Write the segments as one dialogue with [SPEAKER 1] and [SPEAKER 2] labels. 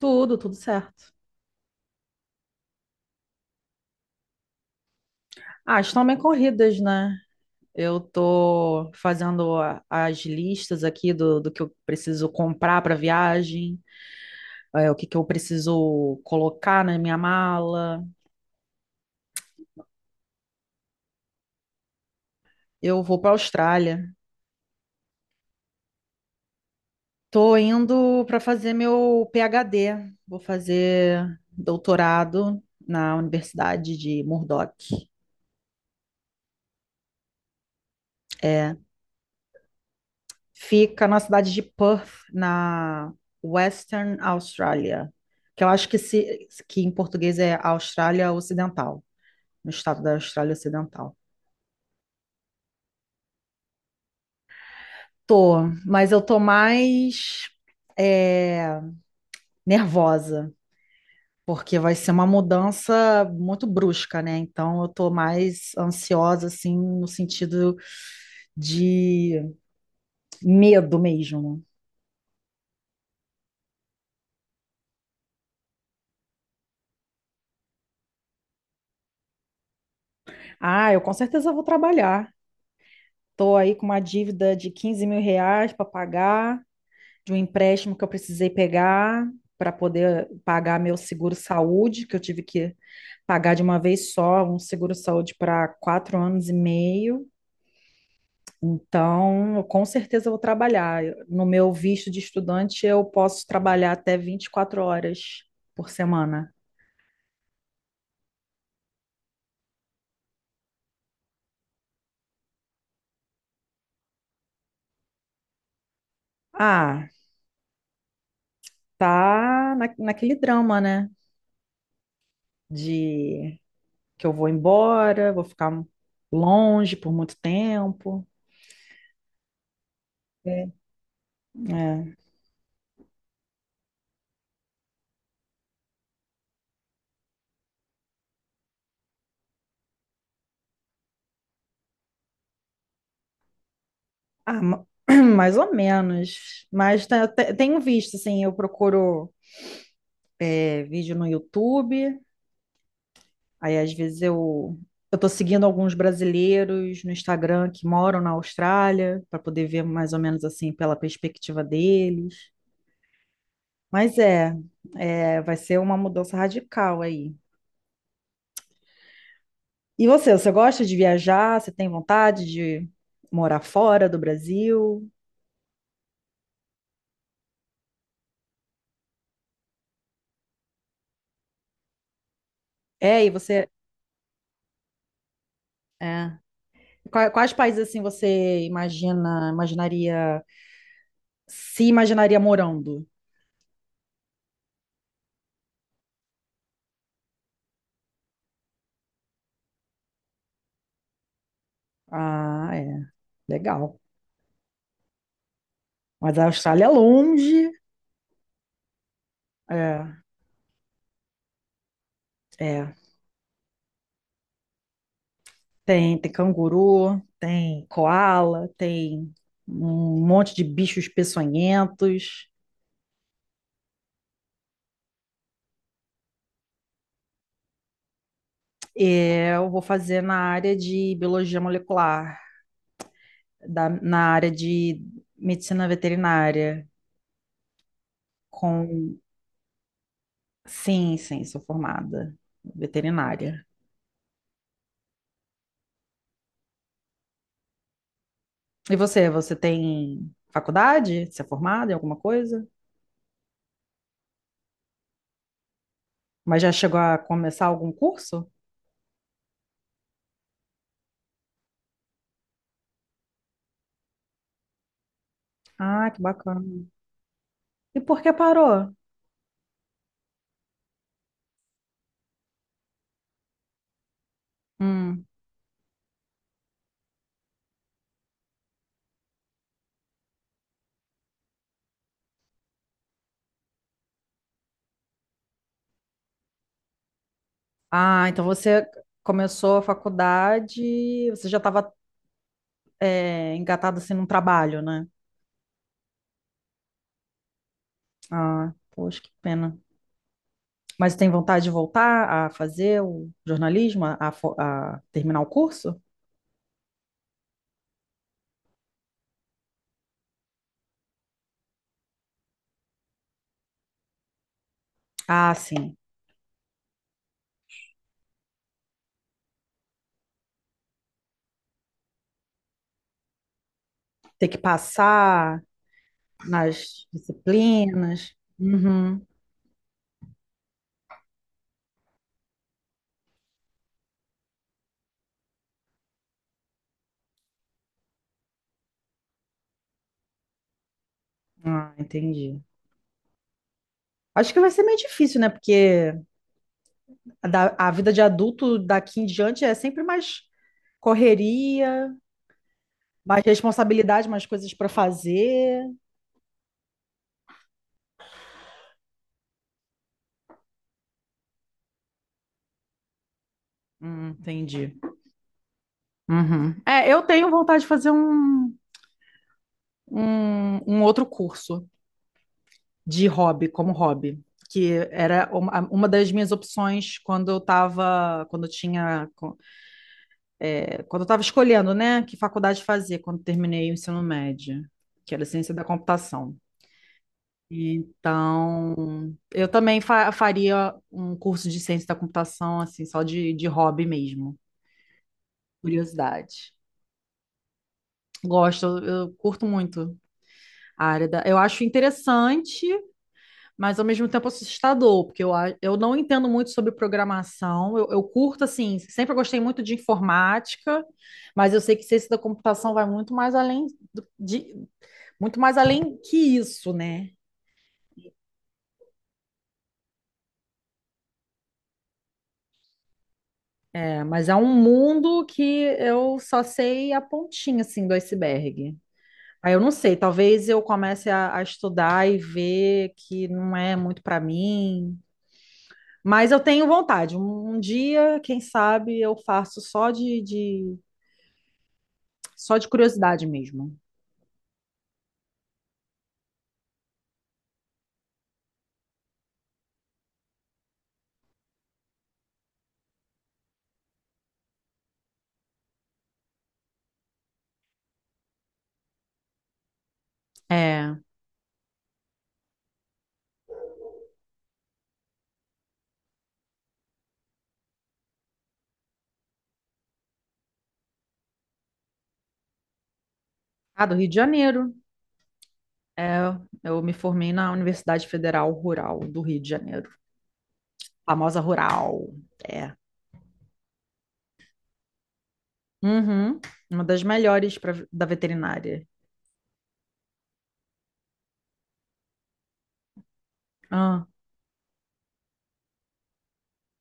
[SPEAKER 1] Tudo, tudo certo. Ah, estão bem corridas, né? Eu tô fazendo as listas aqui do que eu preciso comprar para viagem, o que que eu preciso colocar na minha mala. Eu vou para a Austrália. Tô indo para fazer meu PhD. Vou fazer doutorado na Universidade de Murdoch. É, Fica na cidade de Perth, na Western Australia, que eu acho que, se, que em português é Austrália Ocidental, no estado da Austrália Ocidental. Tô, mas eu tô mais é, nervosa, porque vai ser uma mudança muito brusca, né? Então eu tô mais ansiosa, assim, no sentido de medo mesmo. Ah, eu com certeza vou trabalhar. Tô aí com uma dívida de 15 mil reais para pagar, de um empréstimo que eu precisei pegar para poder pagar meu seguro-saúde, que eu tive que pagar de uma vez só, um seguro-saúde para 4 anos e meio. Então, eu com certeza eu vou trabalhar. No meu visto de estudante, eu posso trabalhar até 24 horas por semana. Ah, tá naquele drama, né? De que eu vou embora, vou ficar longe por muito tempo. É. É. Ah, mais ou menos. Mas tenho visto, assim, eu procuro vídeo no YouTube, aí às vezes eu tô seguindo alguns brasileiros no Instagram que moram na Austrália, para poder ver mais ou menos assim pela perspectiva deles. Mas vai ser uma mudança radical aí. E você gosta de viajar? Você tem vontade de morar fora do Brasil? É, e você. É. Quais países assim você imaginaria, se imaginaria morando. Ah, é. Legal. Mas a Austrália é longe. É, é. Tem canguru, tem koala, tem um monte de bichos peçonhentos. É, eu vou fazer na área de biologia molecular, na área de medicina veterinária. Com... Sim, sim, sou formada veterinária. E você tem faculdade? Você é formada em alguma coisa? Mas já chegou a começar algum curso? Ah, que bacana. E por que parou? Hum. Ah, então você começou a faculdade, você já estava engatado assim num trabalho, né? Ah, poxa, que pena. Mas tem vontade de voltar a fazer o jornalismo, a terminar o curso? Ah, sim. Ter que passar nas disciplinas. Uhum. Ah, entendi. Acho que vai ser meio difícil, né? Porque a vida de adulto daqui em diante é sempre mais correria, mais responsabilidade, mais coisas para fazer. Entendi. Uhum. É, eu tenho vontade de fazer um outro curso de hobby, como hobby, que era uma das minhas opções quando eu estava escolhendo, né, que faculdade fazer quando terminei o ensino médio, que era ciência da computação. Então, eu também faria um curso de ciência da computação, assim, só de hobby mesmo, curiosidade. Gosto, eu curto muito a área da... Eu acho interessante, mas ao mesmo tempo assustador, porque eu não entendo muito sobre programação. Eu curto, assim, sempre gostei muito de informática, mas eu sei que ciência da computação vai muito mais além do- de, muito mais além que isso, né? Mas é um mundo que eu só sei a pontinha, assim, do iceberg. Aí eu não sei, talvez eu comece a estudar e ver que não é muito para mim. Mas eu tenho vontade. Um dia, quem sabe, eu faço só só de curiosidade mesmo. É. Ah, do Rio de Janeiro. É, eu me formei na Universidade Federal Rural do Rio de Janeiro. Famosa Rural. É. Uhum. Uma das melhores pra, da veterinária. Ah,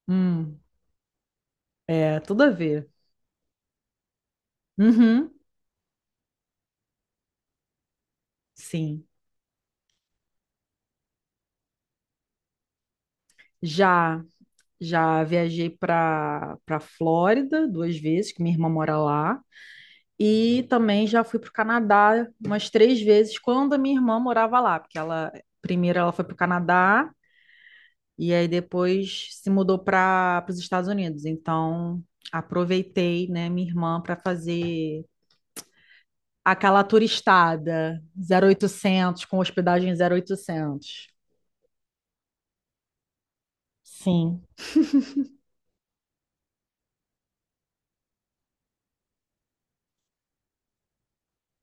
[SPEAKER 1] hum. É, tudo a ver. Uhum, sim. Já já viajei para Flórida duas vezes, que minha irmã mora lá, e também já fui para o Canadá umas três vezes quando a minha irmã morava lá, porque ela primeiro ela foi para o Canadá e aí depois se mudou para os Estados Unidos. Então aproveitei, né, minha irmã para fazer aquela turistada 0800 com hospedagem 0800. Sim.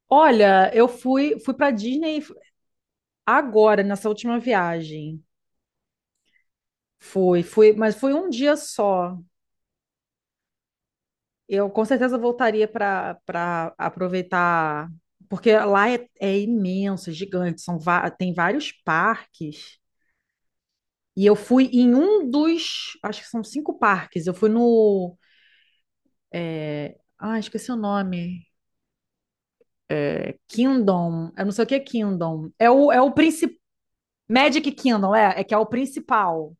[SPEAKER 1] Olha, eu fui para Disney agora nessa última viagem. Foi, foi, mas foi um dia só. Eu com certeza voltaria para aproveitar, porque lá é, é imenso, é gigante, tem vários parques. E eu fui em um dos, acho que são cinco parques. Eu fui no, ah, esqueci o nome. É Kingdom. Eu não sei o que é Kingdom. É o principal. Magic Kingdom, é que é o principal,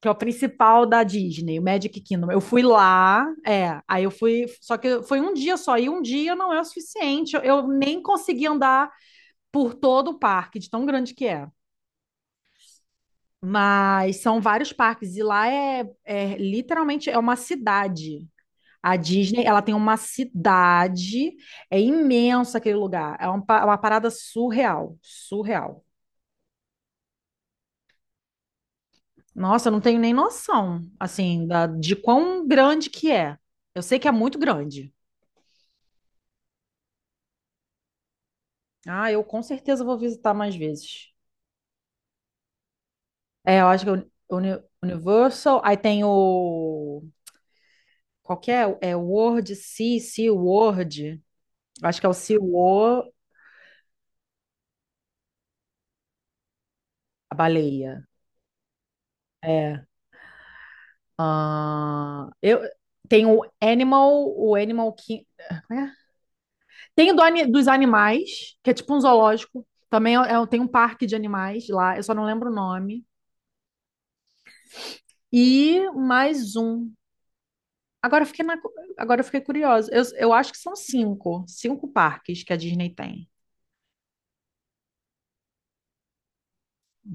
[SPEAKER 1] que é o principal da Disney, o Magic Kingdom. Eu fui lá, aí eu fui, só que foi um dia só, e um dia não é o suficiente. Eu nem consegui andar por todo o parque, de tão grande que é. Mas são vários parques, e lá é, é literalmente é uma cidade. A Disney, ela tem uma cidade, é imenso aquele lugar, é uma parada surreal, surreal. Nossa, eu não tenho nem noção, assim, de quão grande que é. Eu sei que é muito grande. Ah, eu com certeza vou visitar mais vezes. É, eu acho que o Universal, aí tem o qual que é? É Sea World. Eu acho que é o Sea World, a baleia. É. Ah, eu tem o Animal, King, é? Tem o dos animais, que é tipo um zoológico. Também tem um parque de animais lá, eu só não lembro o nome. E mais um. Agora eu fiquei na agora eu fiquei curiosa. Eu acho que são cinco parques que a Disney tem.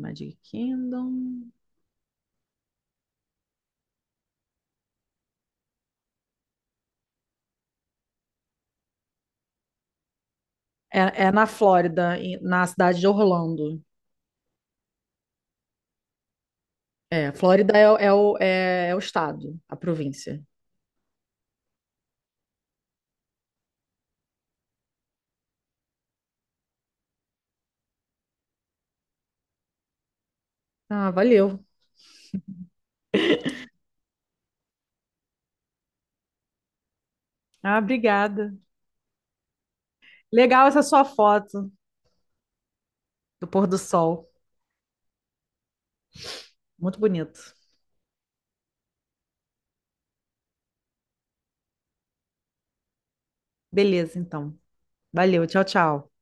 [SPEAKER 1] Magic Kingdom. É, é na Flórida, na cidade de Orlando. É, Flórida é o estado, a província. Ah, valeu. Ah, obrigada. Legal essa sua foto do pôr do sol. Muito bonito. Beleza, então. Valeu, tchau, tchau.